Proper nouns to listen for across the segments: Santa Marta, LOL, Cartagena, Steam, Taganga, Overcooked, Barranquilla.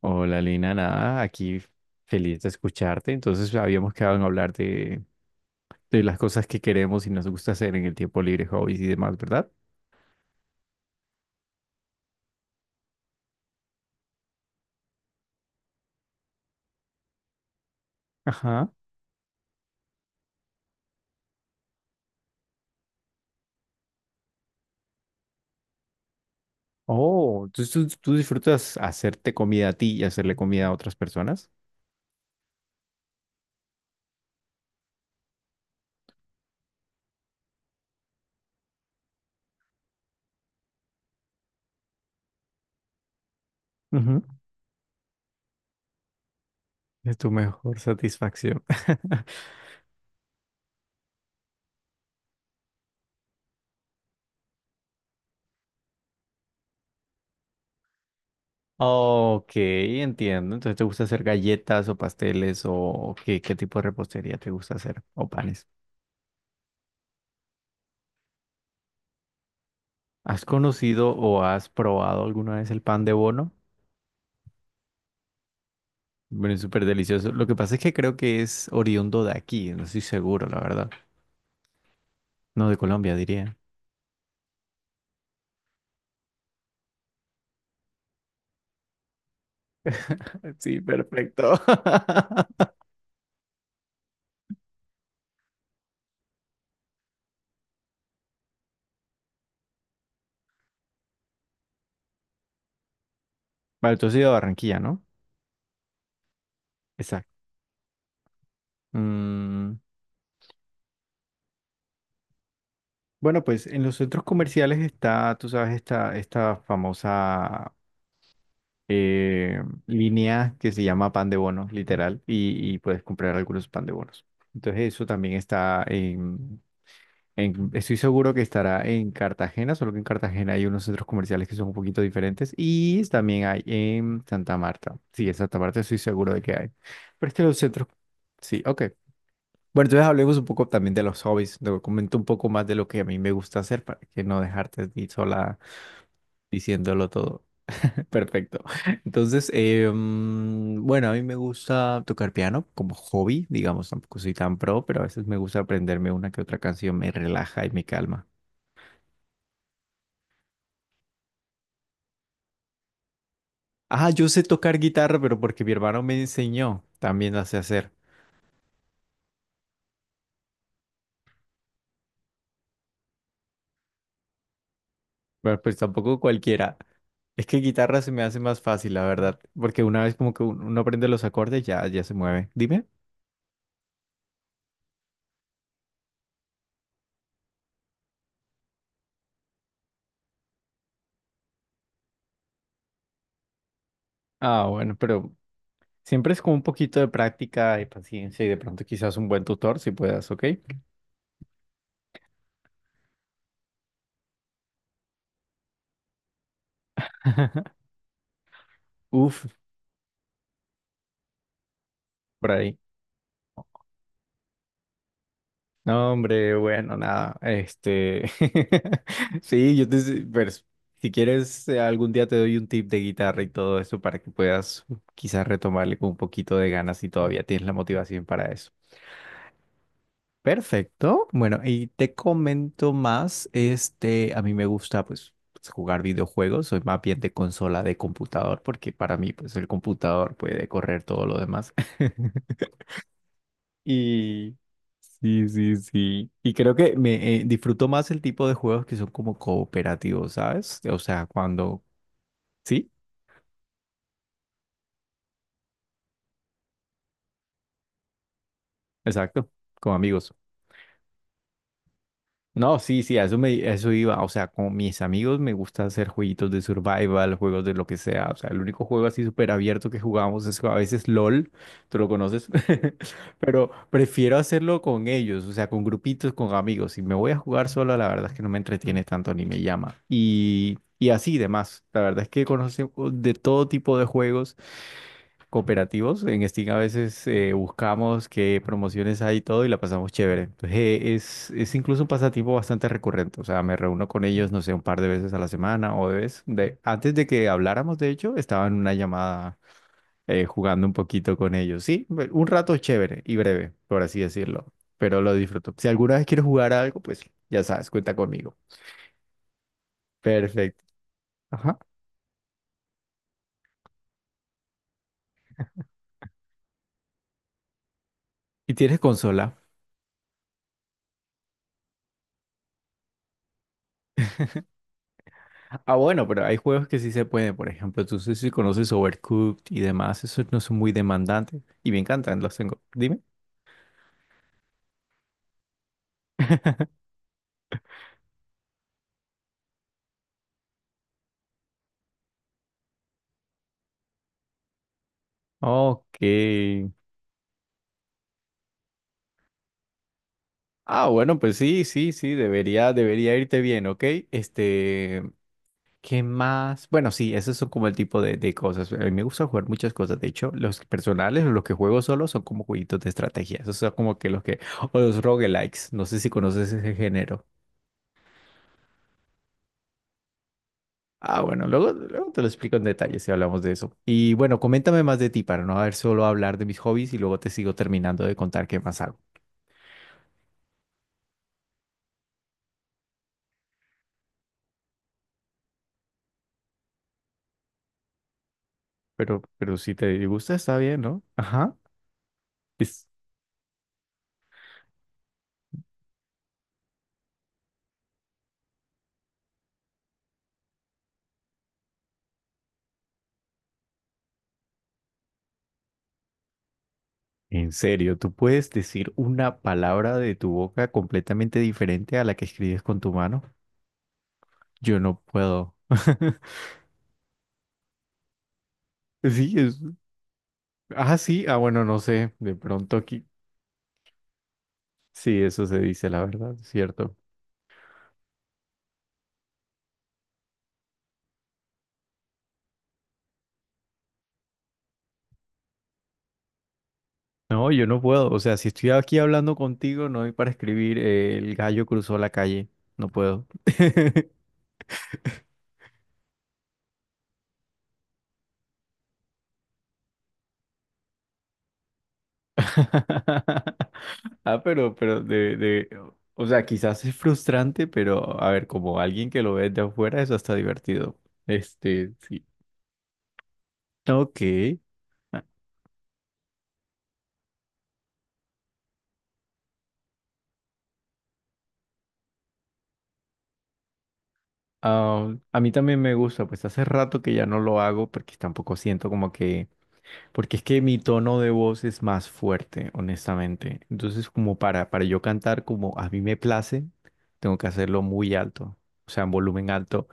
Hola Lina, nada, aquí feliz de escucharte. Entonces habíamos quedado en hablar de las cosas que queremos y nos gusta hacer en el tiempo libre, hobbies y demás, ¿verdad? Ajá. Oh, entonces tú disfrutas hacerte comida a ti y hacerle comida a otras personas. Ujú. Es tu mejor satisfacción. Ok, entiendo. Entonces te gusta hacer galletas o pasteles o qué tipo de repostería te gusta hacer o panes. ¿Has conocido o has probado alguna vez el pan de bono? Bueno, es súper delicioso. Lo que pasa es que creo que es oriundo de aquí, no estoy seguro, la verdad. No, de Colombia, diría. Sí, perfecto. Vale, tú has ido a Barranquilla, ¿no? Exacto. Mm, bueno, pues en los centros comerciales está, tú sabes, esta famosa eh, línea que se llama pan de bonos, literal, y puedes comprar algunos pan de bonos. Entonces eso también está, estoy seguro que estará en Cartagena, solo que en Cartagena hay unos centros comerciales que son un poquito diferentes y también hay en Santa Marta. Sí, en Santa Marta estoy seguro de que hay. Pero este es que los centros. Sí, ok. Bueno, entonces hablemos un poco también de los hobbies. Te comento un poco más de lo que a mí me gusta hacer para que no dejarte a ti sola diciéndolo todo. Perfecto. Entonces, bueno, a mí me gusta tocar piano como hobby, digamos, tampoco soy tan pro, pero a veces me gusta aprenderme una que otra canción, me relaja y me calma. Ah, yo sé tocar guitarra, pero porque mi hermano me enseñó, también la sé hacer. Bueno, pues tampoco cualquiera. Es que guitarra se me hace más fácil, la verdad, porque una vez como que uno aprende los acordes, ya, se mueve. Dime. Ah, bueno, pero siempre es como un poquito de práctica y paciencia y de pronto quizás un buen tutor si puedas, ¿ok? Uf, por ahí. No, hombre, bueno, nada, este, sí, pero si quieres, algún día te doy un tip de guitarra y todo eso para que puedas quizás retomarle con un poquito de ganas si todavía tienes la motivación para eso. Perfecto, bueno, y te comento más, este, a mí me gusta, pues, jugar videojuegos, soy más bien de consola de computador, porque para mí, pues, el computador puede correr todo lo demás. Y... Sí, sí, sí. Y creo que me disfruto más el tipo de juegos que son como cooperativos, ¿sabes? O sea, cuando. Sí, exacto, con amigos. No, sí, sí, a eso iba. O sea, con mis amigos me gusta hacer jueguitos de survival, juegos de lo que sea. O sea, el único juego así súper abierto que jugamos es a veces LOL, tú lo conoces, pero prefiero hacerlo con ellos, o sea, con grupitos, con amigos. Si me voy a jugar solo, la verdad es que no me entretiene tanto ni me llama. Y así demás. La verdad es que conocemos de todo tipo de juegos cooperativos. En Steam a veces buscamos qué promociones hay y todo y la pasamos chévere. Entonces, es, incluso un pasatiempo bastante recurrente. O sea, me reúno con ellos, no sé, un par de veces a la semana o de vez. Antes de que habláramos, de hecho, estaba en una llamada jugando un poquito con ellos. Sí, un rato chévere y breve, por así decirlo, pero lo disfruto. Si alguna vez quieres jugar a algo, pues ya sabes, cuenta conmigo. Perfecto. Ajá. ¿Y tienes consola? Ah, bueno, pero hay juegos que sí se pueden. Por ejemplo, tú sé si conoces Overcooked y demás, esos no son muy demandantes y me encantan, los tengo. Dime. Ok. Ah, bueno, pues sí, sí, sí, debería, debería irte bien, ¿ok? Este, ¿qué más? Bueno, sí, esos son como el tipo de cosas. A mí me gusta jugar muchas cosas. De hecho, los personales o los que juego solo son como jueguitos de estrategia. Esos son como que los que. O los roguelikes. No sé si conoces ese género. Ah, bueno, luego, luego te lo explico en detalle si hablamos de eso. Y bueno, coméntame más de ti para no haber solo hablar de mis hobbies y luego te sigo terminando de contar qué más hago. Pero si te gusta, está bien, ¿no? Ajá. Es, en serio, tú puedes decir una palabra de tu boca completamente diferente a la que escribes con tu mano. Yo no puedo. Sí, es. Ah, sí. Ah, bueno, no sé. De pronto aquí. Sí, eso se dice, la verdad, es ¿cierto? No, yo no puedo. O sea, si estoy aquí hablando contigo, no hay para escribir, el gallo cruzó la calle. No puedo. Ah, o sea, quizás es frustrante, pero a ver, como alguien que lo ve de afuera, eso está divertido. Este, sí. Ok. Ah, ah, a mí también me gusta, pues hace rato que ya no lo hago porque tampoco siento como que. Porque es que mi tono de voz es más fuerte, honestamente. Entonces, como para yo cantar como a mí me place, tengo que hacerlo muy alto, o sea, en volumen alto.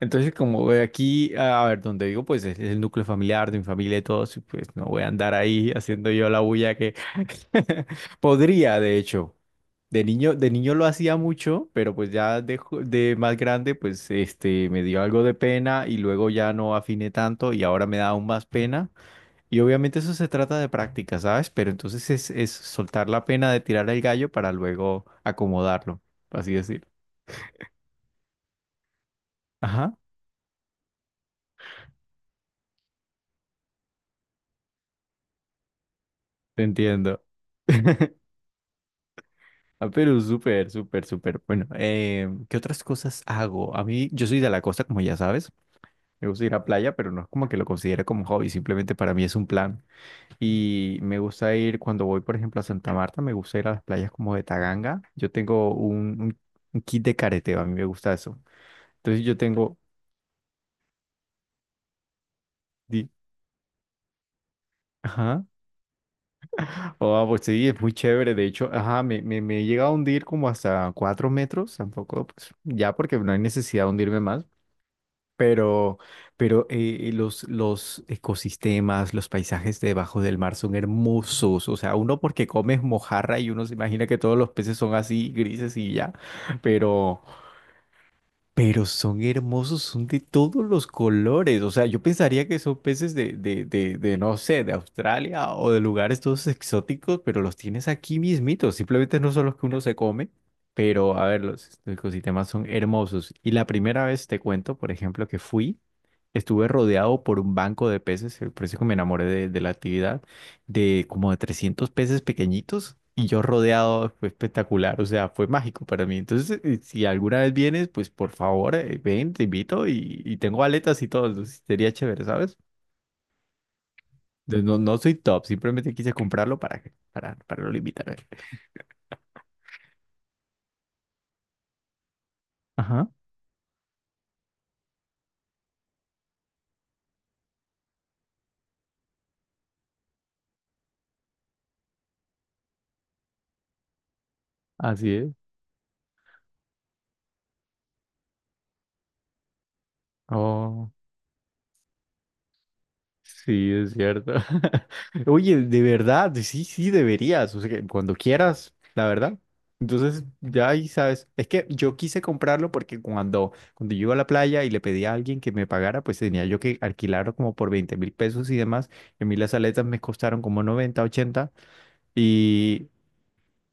Entonces, como de aquí, a ver, donde digo, pues es, el núcleo familiar de mi familia y todos, y pues no voy a andar ahí haciendo yo la bulla que podría, de hecho. De niño lo hacía mucho, pero pues ya de más grande, pues este, me dio algo de pena y luego ya no afiné tanto y ahora me da aún más pena. Y obviamente eso se trata de práctica, ¿sabes? Pero entonces es, soltar la pena de tirar el gallo para luego acomodarlo, por así decir. Ajá, te entiendo. Ah, pero súper, súper, súper. Bueno, ¿qué otras cosas hago? A mí, yo soy de la costa, como ya sabes. Me gusta ir a playa, pero no es como que lo considere como hobby, simplemente para mí es un plan. Y me gusta ir, cuando voy, por ejemplo, a Santa Marta, me gusta ir a las playas como de Taganga. Yo tengo un kit de careteo, a mí me gusta eso. Entonces yo tengo. di- Ajá. Oh, pues sí, es muy chévere. De hecho, ajá, me he llegado a hundir como hasta 4 metros, tampoco, pues ya porque no hay necesidad de hundirme más. Pero, los ecosistemas, los paisajes debajo del mar son hermosos. O sea, uno porque comes mojarra y uno se imagina que todos los peces son así, grises y ya. pero Pero son hermosos, son de todos los colores. O sea, yo pensaría que son peces de, no sé, de Australia o de lugares todos exóticos, pero los tienes aquí mismitos. Simplemente no son los que uno se come, pero a ver, los ecosistemas son hermosos. Y la primera vez te cuento, por ejemplo, que fui, estuve rodeado por un banco de peces, por eso que me enamoré de la actividad de como de 300 peces pequeñitos y yo rodeado fue espectacular, o sea, fue mágico para mí. Entonces, si alguna vez vienes, pues por favor, ven, te invito y tengo aletas y todo, entonces sería chévere, ¿sabes? Entonces, no, no soy top, simplemente quise comprarlo para lo invitar. Ajá, así es. Oh. Sí, es cierto. Oye, de verdad, sí, sí, deberías, o sea, que cuando quieras, la verdad. Entonces, ya ahí sabes, es que yo quise comprarlo porque cuando yo iba a la playa y le pedí a alguien que me pagara, pues tenía yo que alquilarlo como por 20.000 pesos y demás. Y a mí las aletas me costaron como 90, 80 y,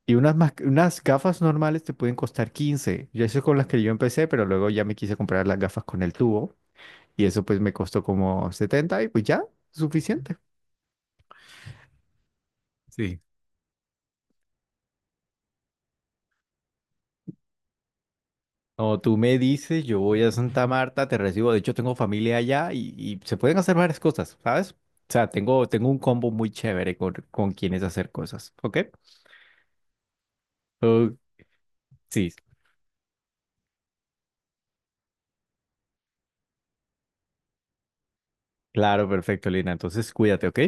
y unas gafas normales te pueden costar 15. Yo eso es con las que yo empecé, pero luego ya me quise comprar las gafas con el tubo y eso pues me costó como 70 y pues ya, suficiente. Sí. O tú me dices, yo voy a Santa Marta, te recibo. De hecho, tengo familia allá y se pueden hacer varias cosas, ¿sabes? O sea, tengo un combo muy chévere con quienes hacer cosas, ¿ok? Oh, sí, claro, perfecto, Lina. Entonces, cuídate, ¿ok?